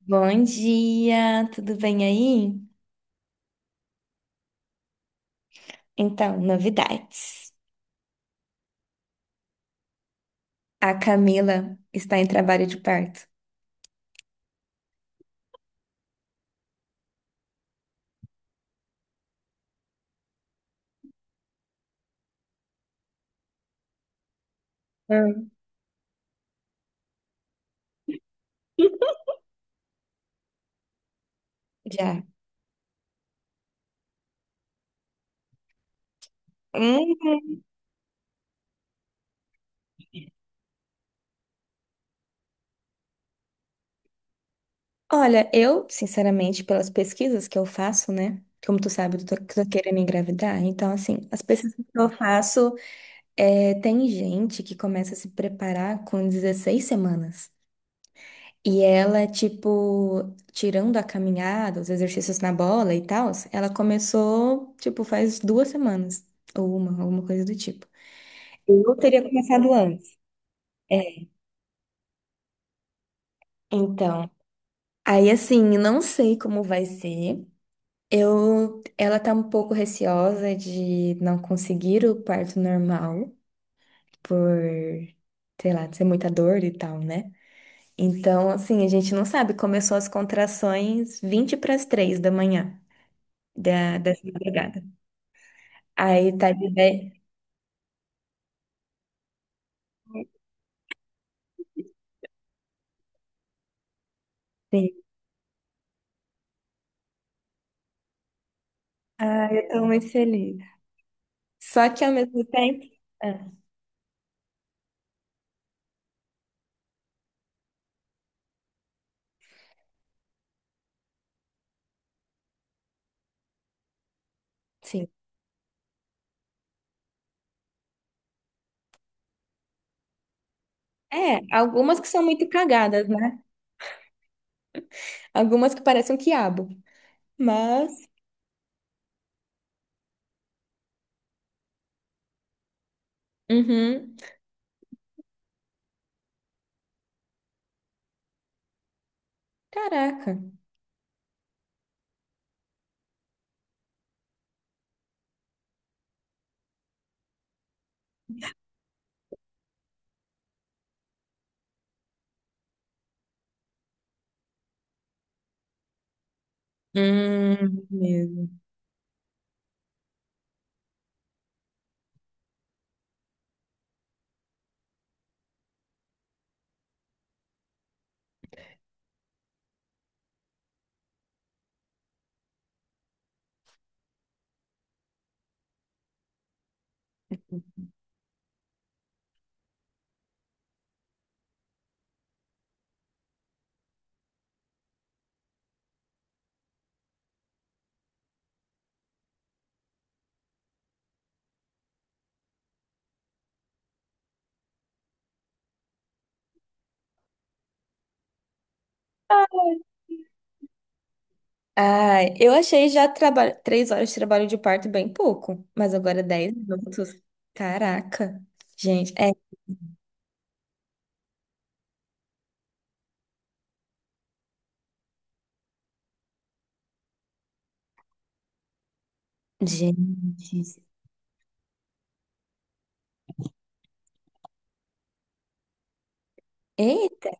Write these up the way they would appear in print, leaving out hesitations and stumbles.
Bom dia, tudo bem aí? Então, novidades. A Camila está em trabalho de parto. Hum. Já. Hum. Olha, eu, sinceramente, pelas pesquisas que eu faço, né? Como tu sabe, eu tô querendo engravidar. Então, assim, as pesquisas que eu faço. É, tem gente que começa a se preparar com 16 semanas. E ela, tipo, tirando a caminhada, os exercícios na bola e tal, ela começou, tipo, faz 2 semanas, ou uma, alguma coisa do tipo. Eu teria começado antes. É, então. Aí, assim, não sei como vai ser. Eu, ela tá um pouco receosa de não conseguir o parto normal, por, sei lá, ser muita dor e tal, né? Então, assim, a gente não sabe. Começou as contrações 20 para as 3 da manhã da, dessa madrugada. Aí tá de 10. Sim. Ah, eu tô muito feliz. Só que ao mesmo tempo. Ah, sim. É, algumas que são muito cagadas, né? Algumas que parecem um quiabo. Mas. Uhum. Caraca. Mesmo. Ah, eu achei já traba... 3 horas de trabalho de parto bem pouco, mas agora 10 minutos. Caraca. Gente, é. Gente. Eita,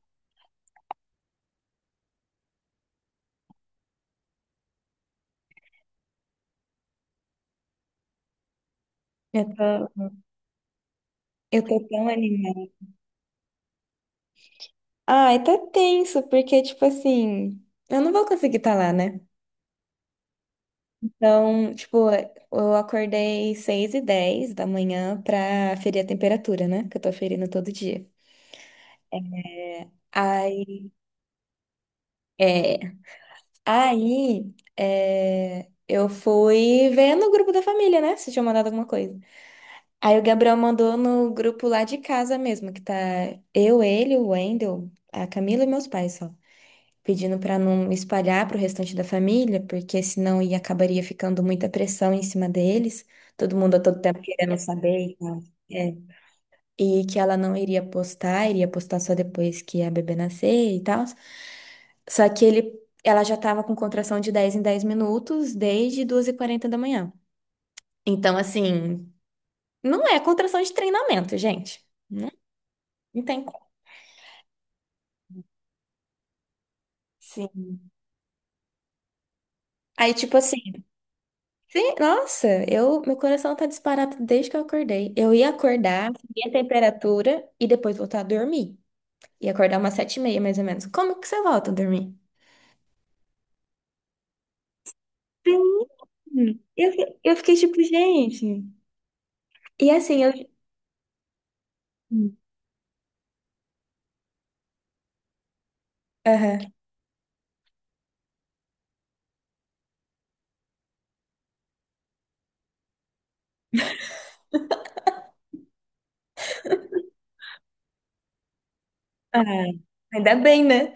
eu tô, eu tô tão animada. Ai, tá tenso, porque, tipo assim, eu não vou conseguir estar lá, né? Então, tipo, eu acordei 6h10 da manhã pra ferir a temperatura, né? Que eu tô ferindo todo dia. Aí, é, aí, é, eu fui ver no grupo da família, né? Se tinha mandado alguma coisa. Aí o Gabriel mandou no grupo lá de casa mesmo, que tá eu, ele, o Wendel, a Camila e meus pais só, pedindo para não espalhar para o restante da família, porque senão ia acabaria ficando muita pressão em cima deles, todo mundo a todo tempo querendo saber e tal. É. E que ela não iria postar, iria postar só depois que a bebê nascer e tal. Só que ele, ela já estava com contração de 10 em 10 minutos desde 2h40 da manhã. Então, assim, não é contração de treinamento, gente. Não, não tem como. Sim. Aí, tipo assim, sim, nossa, eu, meu coração tá disparado desde que eu acordei. Eu ia acordar, subir a temperatura e depois voltar a dormir. Ia acordar umas 7h30, mais ou menos. Como que você volta a dormir? Sim. Eu, eu fiquei tipo, gente. E assim, eu. Hum. Aham. Ah, ainda bem, né?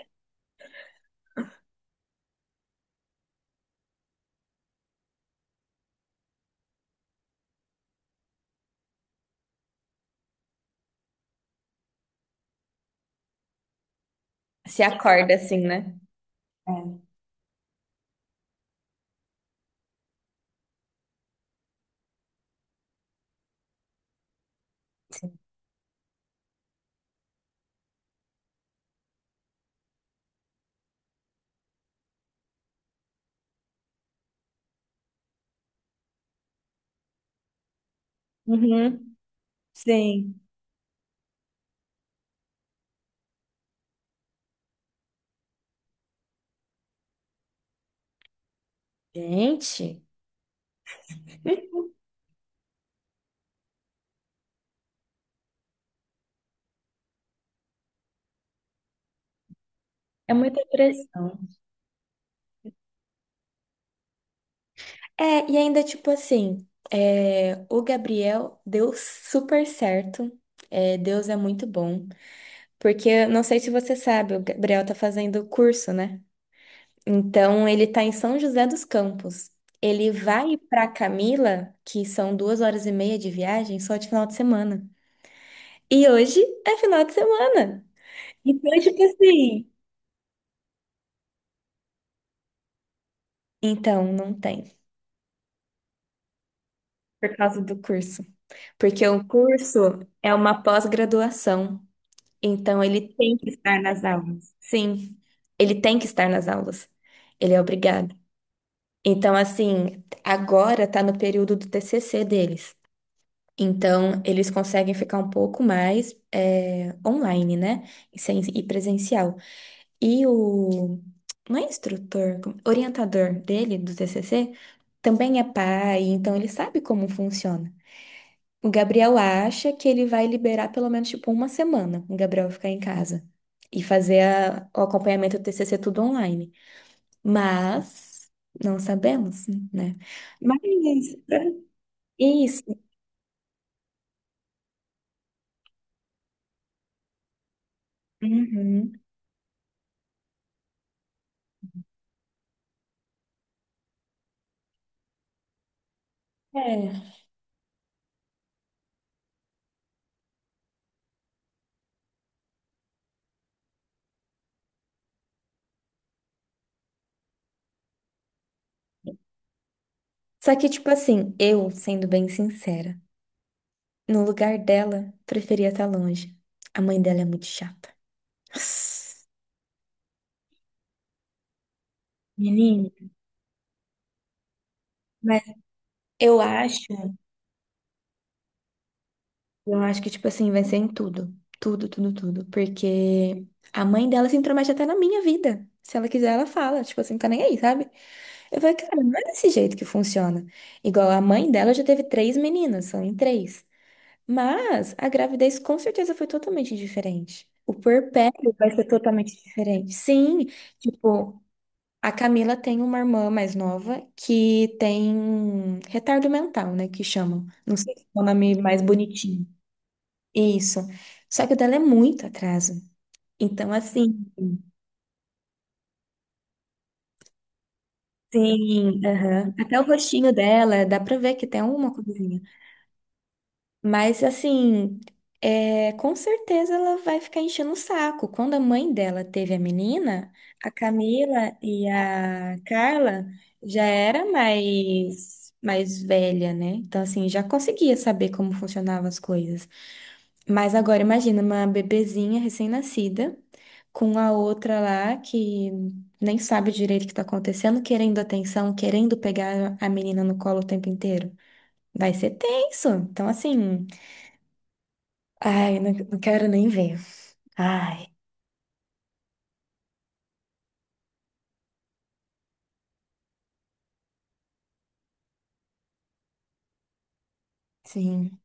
Se acorda assim, né? É. Sim. Uhum. Sim. Gente, é muita pressão. É, e ainda, tipo assim, é, o Gabriel deu super certo. É, Deus é muito bom. Porque, eu não sei se você sabe, o Gabriel tá fazendo curso, né? Então, ele tá em São José dos Campos. Ele vai pra Camila, que são 2 horas e meia de viagem, só de final de semana. E hoje é final de semana. Então, tipo assim. Então, não tem, por causa do curso. Porque o curso é uma pós-graduação. Então, ele tem que estar nas aulas. Sim, ele tem que estar nas aulas. Ele é obrigado. Então, assim, agora tá no período do TCC deles. Então, eles conseguem ficar um pouco mais é, online, né? E, sem, e presencial. E o. Não é instrutor, orientador dele, do TCC, também é pai, então ele sabe como funciona. O Gabriel acha que ele vai liberar pelo menos, tipo, uma semana o Gabriel vai ficar em casa e fazer o acompanhamento do TCC tudo online. Mas não sabemos, né? Mas é isso. Uhum. É. Só que, tipo assim, eu, sendo bem sincera, no lugar dela, preferia estar longe. A mãe dela é muito chata. Menino, mas eu acho. Eu acho que, tipo assim, vai ser em tudo. Tudo, tudo, tudo. Porque a mãe dela se intromete até na minha vida. Se ela quiser, ela fala. Tipo assim, tá nem aí, sabe? Eu falei, cara, não é desse jeito que funciona. Igual a mãe dela já teve 3 meninas, são em 3. Mas a gravidez com certeza foi totalmente diferente. O puerpério vai ser totalmente diferente. Sim, tipo, a Camila tem uma irmã mais nova que tem retardo mental, né? Que chamam. Não sei se é o nome mais bonitinho. Isso. Só que o dela é muito atraso. Então, assim, sim, aham. Até o rostinho dela, dá pra ver que tem alguma coisinha. Mas, assim, é, com certeza ela vai ficar enchendo o saco. Quando a mãe dela teve a menina, a Camila e a Carla já era mais velha, né? Então, assim, já conseguia saber como funcionavam as coisas. Mas agora imagina uma bebezinha recém-nascida com a outra lá que nem sabe direito o que tá acontecendo, querendo atenção, querendo pegar a menina no colo o tempo inteiro. Vai ser tenso. Então, assim, ai, não, não quero nem ver. Ai, sim.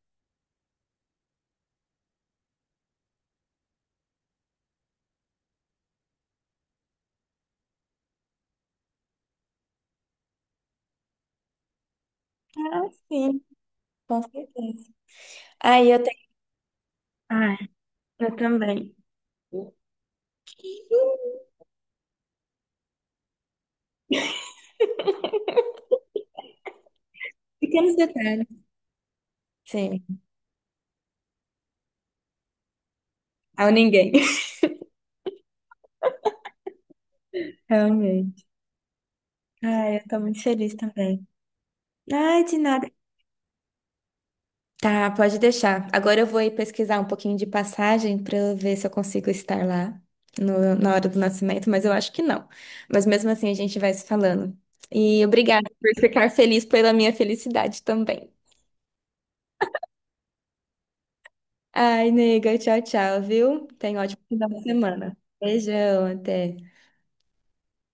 Ah, sim. Com certeza. Aí eu tenho. Ai, eu também. Pequenos detalhes. Sim, ao ninguém. Realmente. Ai, eu tô muito feliz também. Ai, de nada. Tá, pode deixar. Agora eu vou ir pesquisar um pouquinho de passagem para eu ver se eu consigo estar lá na hora do nascimento, mas eu acho que não. Mas mesmo assim a gente vai se falando. E obrigada por ficar feliz pela minha felicidade também. Ai, nega, tchau, tchau, viu? Tenha um ótimo final de semana. Beijão, até.